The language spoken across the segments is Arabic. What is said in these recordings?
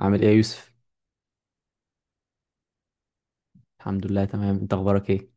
عامل ايه يا يوسف؟ الحمد لله، تمام. انت اخبارك ايه؟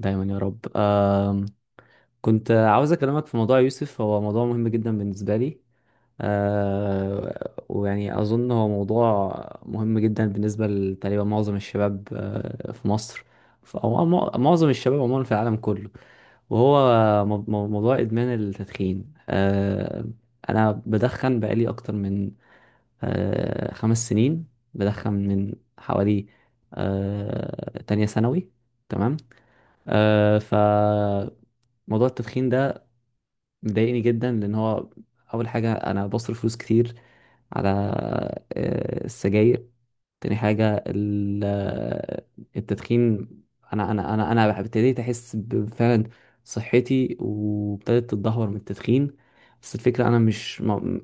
دايما يا رب. كنت عاوز اكلمك في موضوع يا يوسف، هو موضوع مهم جدا بالنسبه لي. ويعني اظن هو موضوع مهم جدا بالنسبه لتقريبا معظم الشباب، في مصر. معظم الشباب عموما في العالم كله. وهو موضوع ادمان التدخين. انا بدخن بقالي اكتر من 5 سنين. بدخن من حوالي تانية ثانوي. تمام. فموضوع التدخين ده مضايقني جدا، لأن هو أول حاجة أنا بصرف فلوس كتير على السجاير. تاني حاجة التدخين، أنا ابتديت أحس فعلا صحتي وابتدت تتدهور من التدخين. بس الفكرة، أنا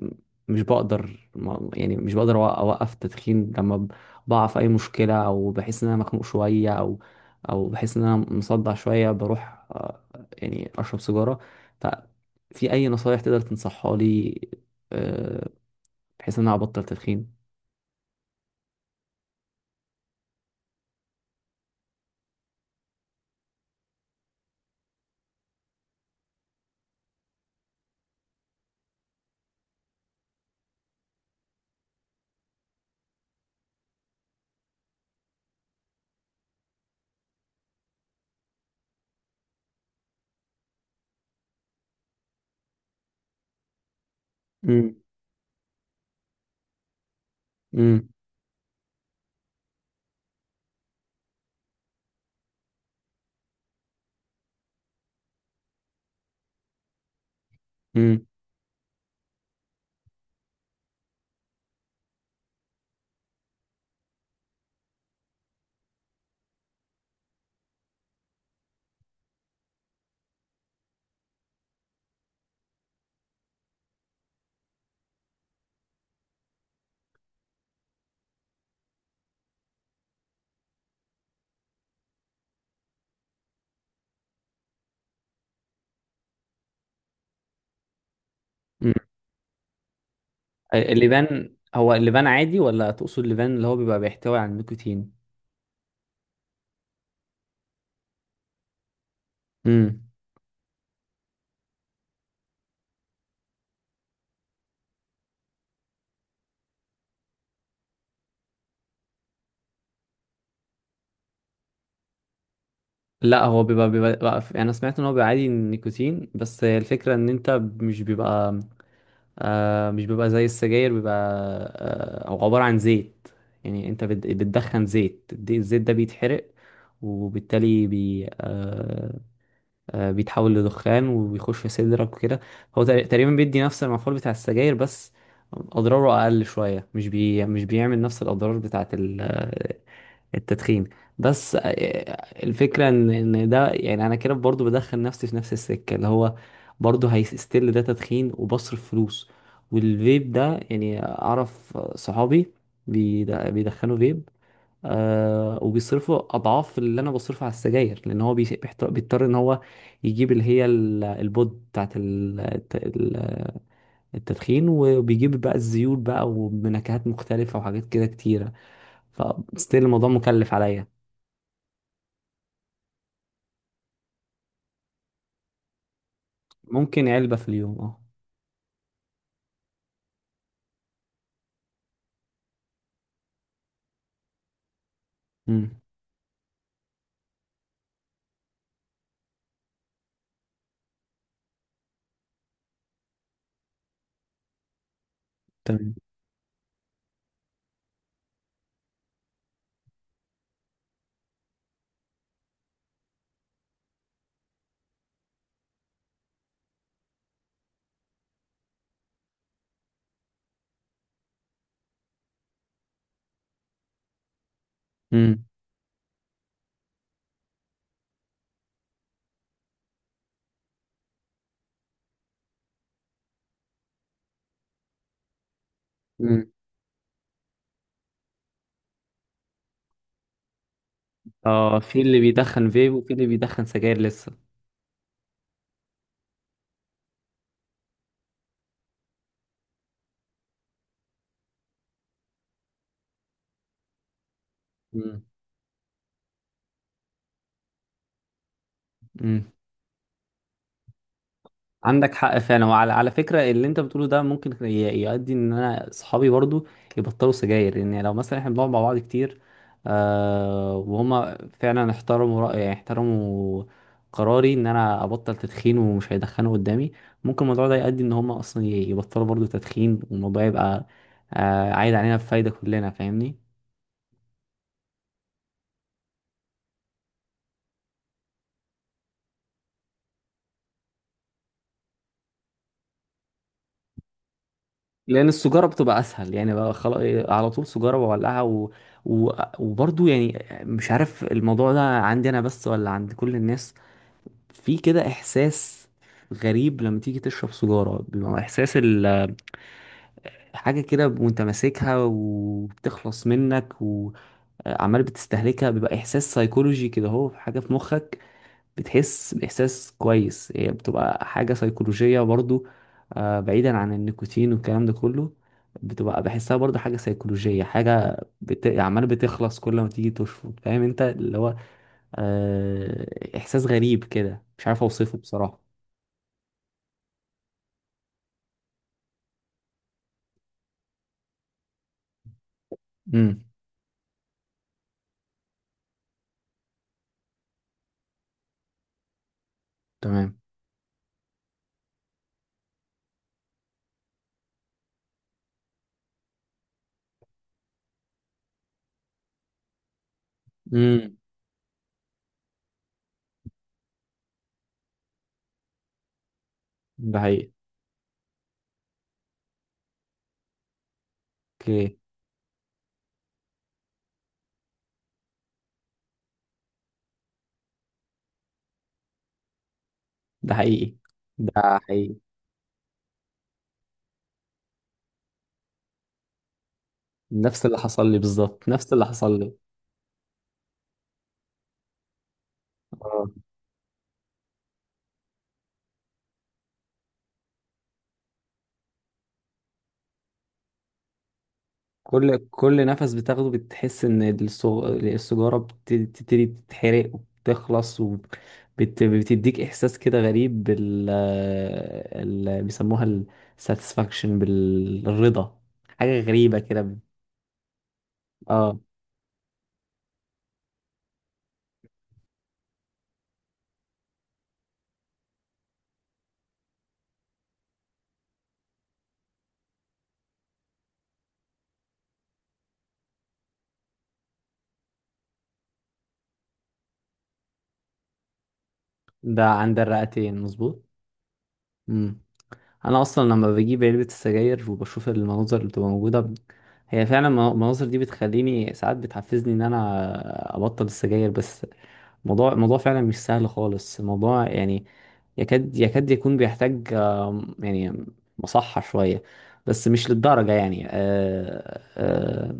مش بقدر، ما يعني مش بقدر أوقف التدخين لما بقع في أي مشكلة، أو بحس إن أنا مخنوق شوية، أو بحس إن أنا مصدع شوية بروح، يعني أشرب سيجارة. ففي أي نصايح تقدر تنصحها لي، آه، بحيث إن أنا أبطل تدخين؟ مم. مم. مم. اللبان، هو اللبان عادي، ولا تقصد اللبان اللي هو بيبقى بيحتوي على النيكوتين؟ امم. لا، هو انا سمعت ان هو بيبقى عادي النيكوتين، بس الفكرة ان انت مش بيبقى. مش بيبقى زي السجاير، بيبقى هو عبارة عن زيت. يعني انت بتدخن زيت، الزيت ده بيتحرق، وبالتالي بي آه بيتحول لدخان وبيخش في صدرك وكده. هو تقريبا بيدي نفس المفعول بتاع السجاير، بس اضراره اقل شويه. مش بيعمل نفس الاضرار بتاعه التدخين. بس، الفكره ان ده يعني انا كده برضو بدخل نفسي في نفس السكه، اللي هو برضو هيستيل ده تدخين وبصرف فلوس. والفيب ده، يعني اعرف صحابي بيدخنوا فيب، وبيصرفوا اضعاف اللي انا بصرفه على السجاير. لان هو بيضطر ان هو يجيب اللي هي البود بتاعت التدخين، وبيجيب بقى الزيوت بقى وبنكهات مختلفة وحاجات كده كتيرة. فستيل الموضوع مكلف عليا. ممكن علبة في اليوم، اه. امم. تمام. امم. امم. اه، في اللي بيدخن فيب وفي اللي بيدخن سجاير لسه. امم. عندك حق فعلا. وعلى فكره، اللي انت بتقوله ده ممكن يؤدي ان انا اصحابي برضو يبطلوا سجاير. لان يعني لو مثلا احنا بنقعد مع بعض كتير وهما فعلا احترموا رأيي، احترموا قراري ان انا ابطل تدخين، ومش هيدخنوا قدامي، ممكن الموضوع ده يؤدي ان هما اصلا يبطلوا برضو تدخين، والموضوع يبقى عايد علينا بفايده كلنا، فاهمني. لان السجاره بتبقى اسهل. يعني بقى خلاص على طول سجاره بولعها و... وبرضو يعني مش عارف الموضوع ده عندي انا بس ولا عند كل الناس. في كده احساس غريب لما تيجي تشرب سجاره، بيبقى احساس حاجه كده، وانت ماسكها وبتخلص منك وعمال بتستهلكها، بيبقى احساس سيكولوجي كده، هو حاجه في مخك. بتحس بإحساس كويس. هي بتبقى حاجة سيكولوجية برضو، بعيدا عن النيكوتين والكلام ده كله. بتبقى بحسها برضو حاجة سيكولوجية، حاجة عمال بتخلص كل ما تيجي تشفط، فاهم انت اللي هو إحساس غريب كده، مش عارف أوصفه بصراحة. امم. تمام. امم. ده حقيقي. اوكي. ده حقيقي. ده حقيقي، نفس اللي حصل لي بالظبط، نفس اللي حصل لي. آه. كل نفس بتاخده بتحس ان السجارة بتبتدي تتحرق وبتخلص وبتديك احساس كده غريب، بيسموها الساتسفاكشن، بالرضا. حاجة غريبة كده. اه، ده عند الرئتين مظبوط. مم. انا اصلا لما بجيب علبة السجاير وبشوف المناظر اللي بتبقى موجودة هي فعلا المناظر دي بتخليني ساعات، بتحفزني ان انا ابطل السجاير. بس موضوع فعلا مش سهل خالص. موضوع يعني يكاد يكون بيحتاج يعني مصحة شوية. بس مش للدرجة. يعني آه، آه،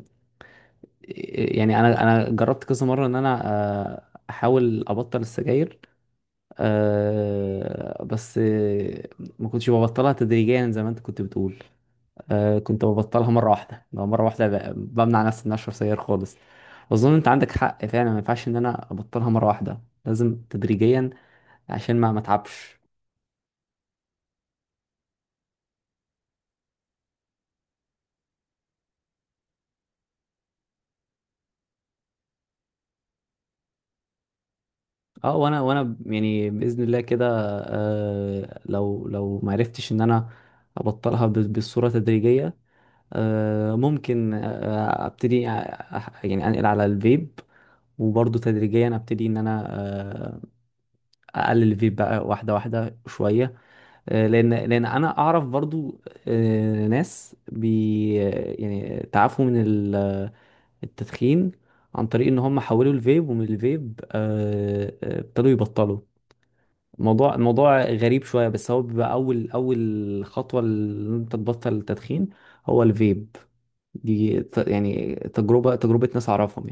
يعني أنا جربت كذا مرة إن أنا آه، أحاول أبطل السجاير. بس ما كنتش ببطلها تدريجيا زي ما أنت كنت بتقول. كنت ببطلها مرة واحدة، لو مرة واحدة بمنع نفسي إن أنا أشرب سجاير خالص. أظن أنت عندك حق فعلا، ما ينفعش إن أنا أبطلها مرة واحدة، لازم تدريجيا عشان ما اتعبش. اه، وانا يعني باذن الله كده. لو ما عرفتش ان انا ابطلها بالصوره تدريجيه، ممكن ابتدي يعني انقل على الفيب. وبرضه تدريجيا ابتدي ان انا آه اقلل الفيب بقى واحده واحده شويه. لان انا اعرف برضو ناس يعني تعافوا من التدخين عن طريق ان هم حولوا الفيب، ومن الفيب ابتدوا يبطلوا. الموضوع غريب شوية، بس هو بيبقى اول خطوة ان انت تبطل التدخين هو الفيب. دي يعني تجربة ناس اعرفهم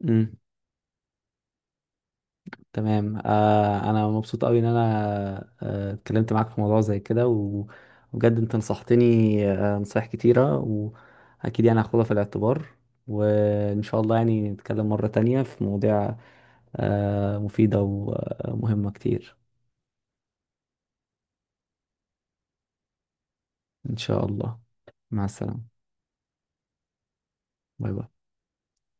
يعني. تمام، انا مبسوط قوي ان انا اتكلمت معاك في موضوع زي كده، وبجد انت نصحتني نصايح كتيرة، واكيد يعني هاخدها في الاعتبار. وان شاء الله يعني نتكلم مرة تانية في مواضيع مفيدة ومهمة كتير. ان شاء الله. مع السلامة. باي باي.